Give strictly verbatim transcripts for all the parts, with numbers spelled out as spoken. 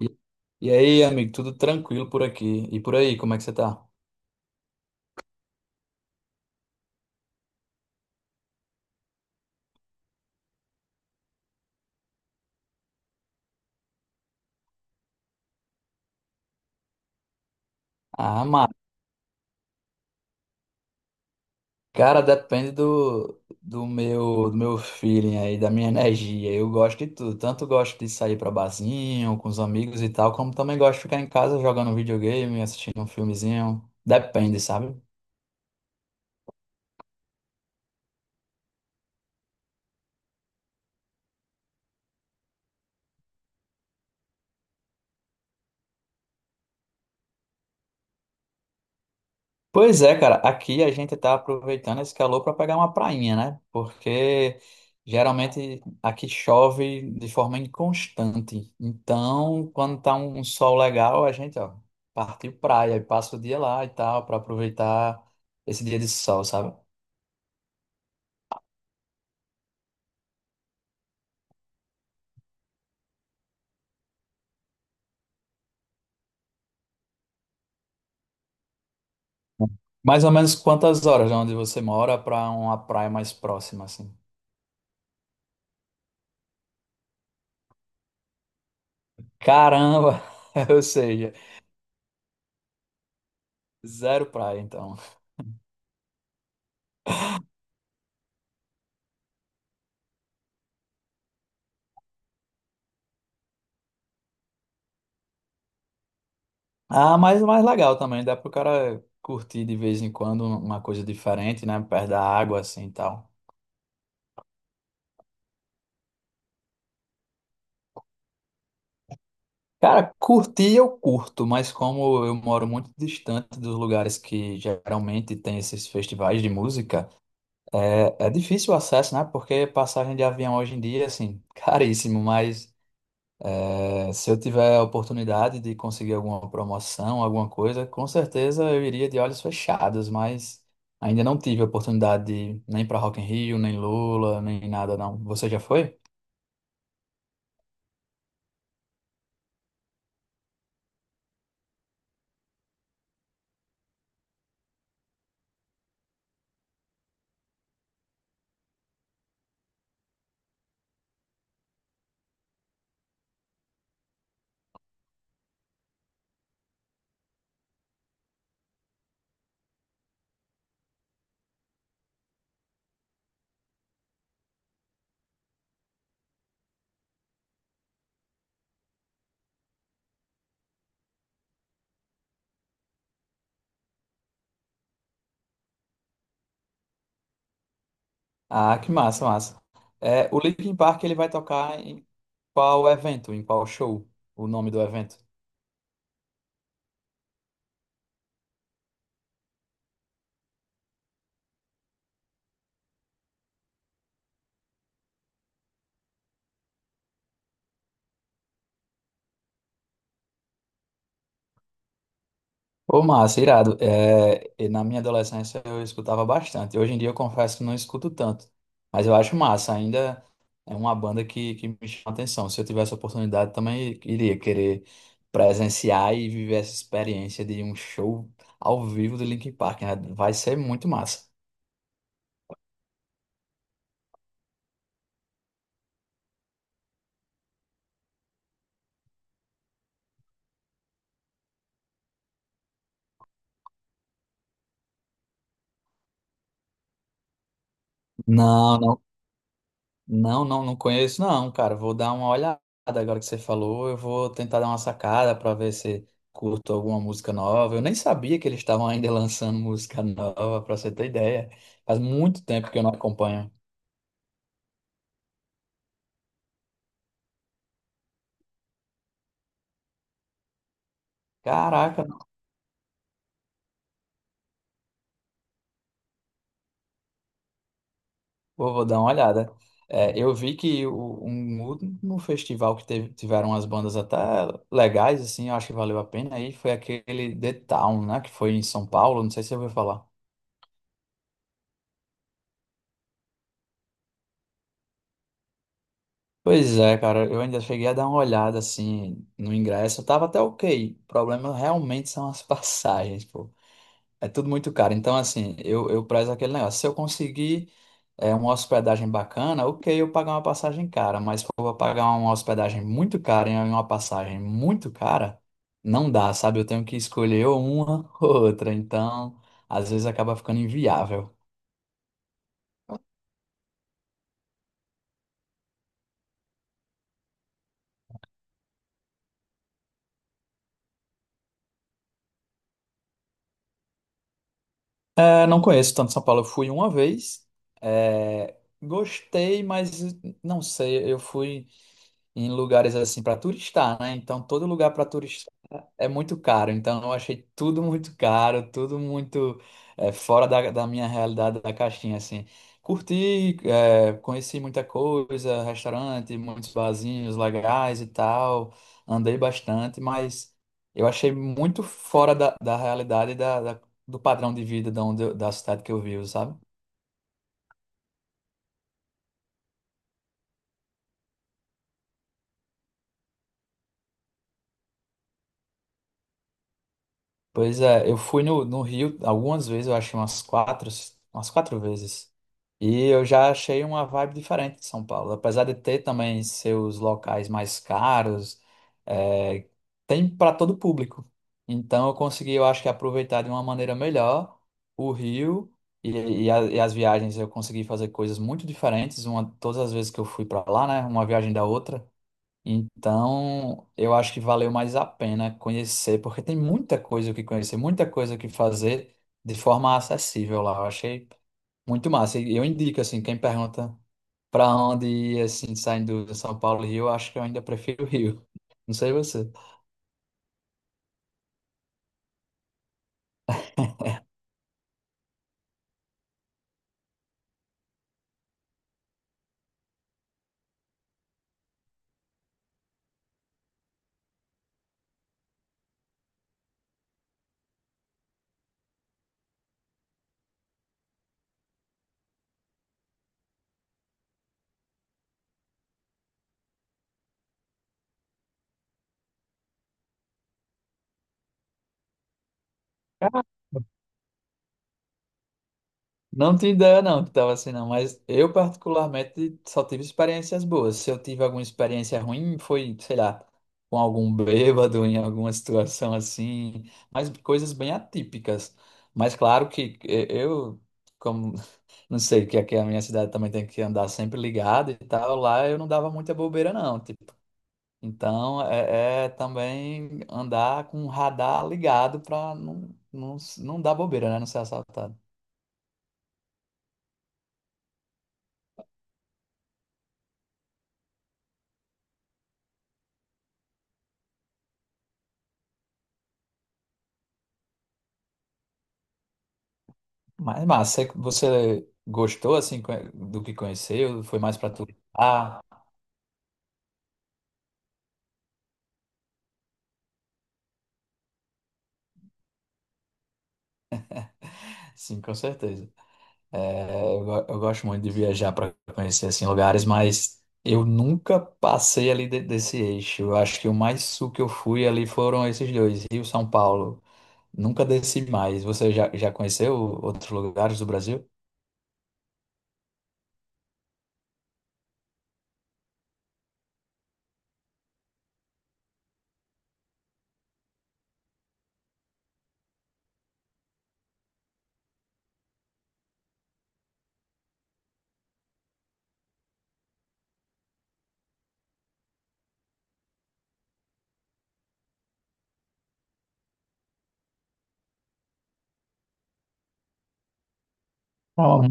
E, e aí, amigo, tudo tranquilo por aqui? E por aí, como é que você tá? Ah, mano, cara, depende do, do meu, do meu feeling aí, da minha energia. Eu gosto de tudo. Tanto gosto de sair pra barzinho, com os amigos e tal, como também gosto de ficar em casa jogando videogame, assistindo um filmezinho. Depende, sabe? Pois é, cara, aqui a gente tá aproveitando esse calor para pegar uma prainha, né? Porque geralmente aqui chove de forma inconstante. Então, quando tá um sol legal, a gente, ó, partiu praia e passa o dia lá e tal, para aproveitar esse dia de sol, sabe? Mais ou menos quantas horas de onde você mora para uma praia mais próxima, assim? Caramba! Ou seja, zero praia, então. Ah, mas mais legal também, dá pro cara curtir de vez em quando uma coisa diferente, né? Perto da água, assim e tal. Cara, curtir eu curto, mas como eu moro muito distante dos lugares que geralmente tem esses festivais de música, é, é difícil o acesso, né? Porque passagem de avião hoje em dia, assim, caríssimo, mas. É, se eu tiver a oportunidade de conseguir alguma promoção, alguma coisa, com certeza eu iria de olhos fechados, mas ainda não tive a oportunidade de nem para Rock in Rio, nem Lula, nem nada não. Você já foi? Ah, que massa, massa. É, o Linkin Park ele vai tocar em qual evento, em qual show? O nome do evento? Ô, massa, irado. É, e na minha adolescência eu escutava bastante. Hoje em dia eu confesso que não escuto tanto. Mas eu acho massa. Ainda é uma banda que, que me chama atenção. Se eu tivesse a oportunidade, também iria querer presenciar e viver essa experiência de um show ao vivo do Linkin Park, né? Vai ser muito massa. Não, não. Não, não, não conheço, não, cara. Vou dar uma olhada agora que você falou. Eu vou tentar dar uma sacada para ver se curto alguma música nova. Eu nem sabia que eles estavam ainda lançando música nova, para você ter ideia. Faz muito tempo que eu não acompanho. Caraca, não. vou, vou dar uma olhada. É, eu vi que o, um, último festival que teve, tiveram umas bandas até legais, assim, eu acho que valeu a pena. Aí foi aquele The Town, né? Que foi em São Paulo, não sei se você ouviu falar. Pois é, cara, eu ainda cheguei a dar uma olhada assim no ingresso, tava até ok. O problema realmente são as passagens, pô. É tudo muito caro. Então, assim, eu, eu prezo aquele negócio. Se eu conseguir é, uma hospedagem bacana, ok, eu pagar uma passagem cara, mas se eu vou pagar uma hospedagem muito cara e uma passagem muito cara, não dá, sabe? Eu tenho que escolher ou uma ou outra. Então, às vezes acaba ficando inviável. É, não conheço tanto São Paulo. Eu fui uma vez, é, gostei, mas não sei. Eu fui em lugares assim para turistar, né? Então todo lugar para é muito caro, então eu achei tudo muito caro, tudo muito é, fora da, da minha realidade da caixinha, assim. Curti, é, conheci muita coisa, restaurante, muitos barzinhos legais e tal, andei bastante, mas eu achei muito fora da, da realidade da, da- do padrão de vida da, onde eu- da cidade que eu vivo, sabe? Pois é, eu fui no, no Rio algumas vezes, eu achei umas quatro, umas quatro vezes. E eu já achei uma vibe diferente de São Paulo. Apesar de ter também seus locais mais caros, é, tem para todo público. Então eu consegui, eu acho que aproveitar de uma maneira melhor o Rio e, e, a- e as viagens eu consegui fazer coisas muito diferentes, uma, todas as vezes que eu fui para lá, né? Uma viagem da outra. Então, eu acho que valeu mais a pena conhecer, porque tem muita coisa o que conhecer, muita coisa o que fazer de forma acessível lá. Eu achei muito massa. E eu indico, assim, quem pergunta para onde ir, assim, saindo de São Paulo e Rio, eu acho que eu ainda prefiro o Rio. Não sei você. Não tenho ideia, não, que tava assim, não. Mas eu, particularmente, só tive experiências boas. Se eu tive alguma experiência ruim, foi, sei lá, com algum bêbado, em alguma situação assim. Mas coisas bem atípicas. Mas claro que eh, eu, como não sei, que aqui a minha cidade também tem que andar sempre ligado e tal, lá eu não dava muita bobeira, não, tipo. Então, é, é também andar com o radar ligado pra não, não, não dar bobeira, né? Não ser assaltado. Mas massa, você gostou assim co- do que conheceu? Foi mais para tu? Ah, sim, com certeza. É, eu, go- eu gosto muito de viajar para conhecer assim lugares, mas eu nunca passei ali de- desse eixo. Eu acho que o mais sul que eu fui ali foram esses dois, Rio, São Paulo. Nunca desci mais. Você já, já conheceu outros lugares do Brasil? Ó,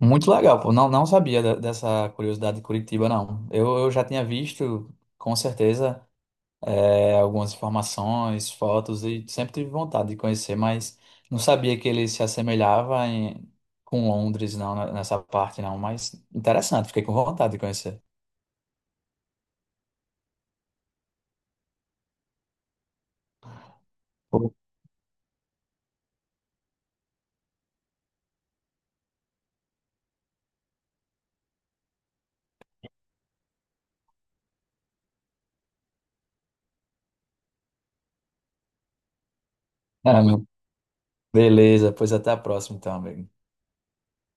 muito legal, pô. Não, não sabia de- dessa curiosidade de Curitiba, não. Eu, eu já tinha visto, com certeza. É, algumas informações, fotos e sempre tive vontade de conhecer, mas não sabia que ele se assemelhava em- com Londres, não, né, nessa parte não, mas interessante, fiquei com vontade de conhecer. Pô, é, meu. Beleza, pois até a próxima então, amigo.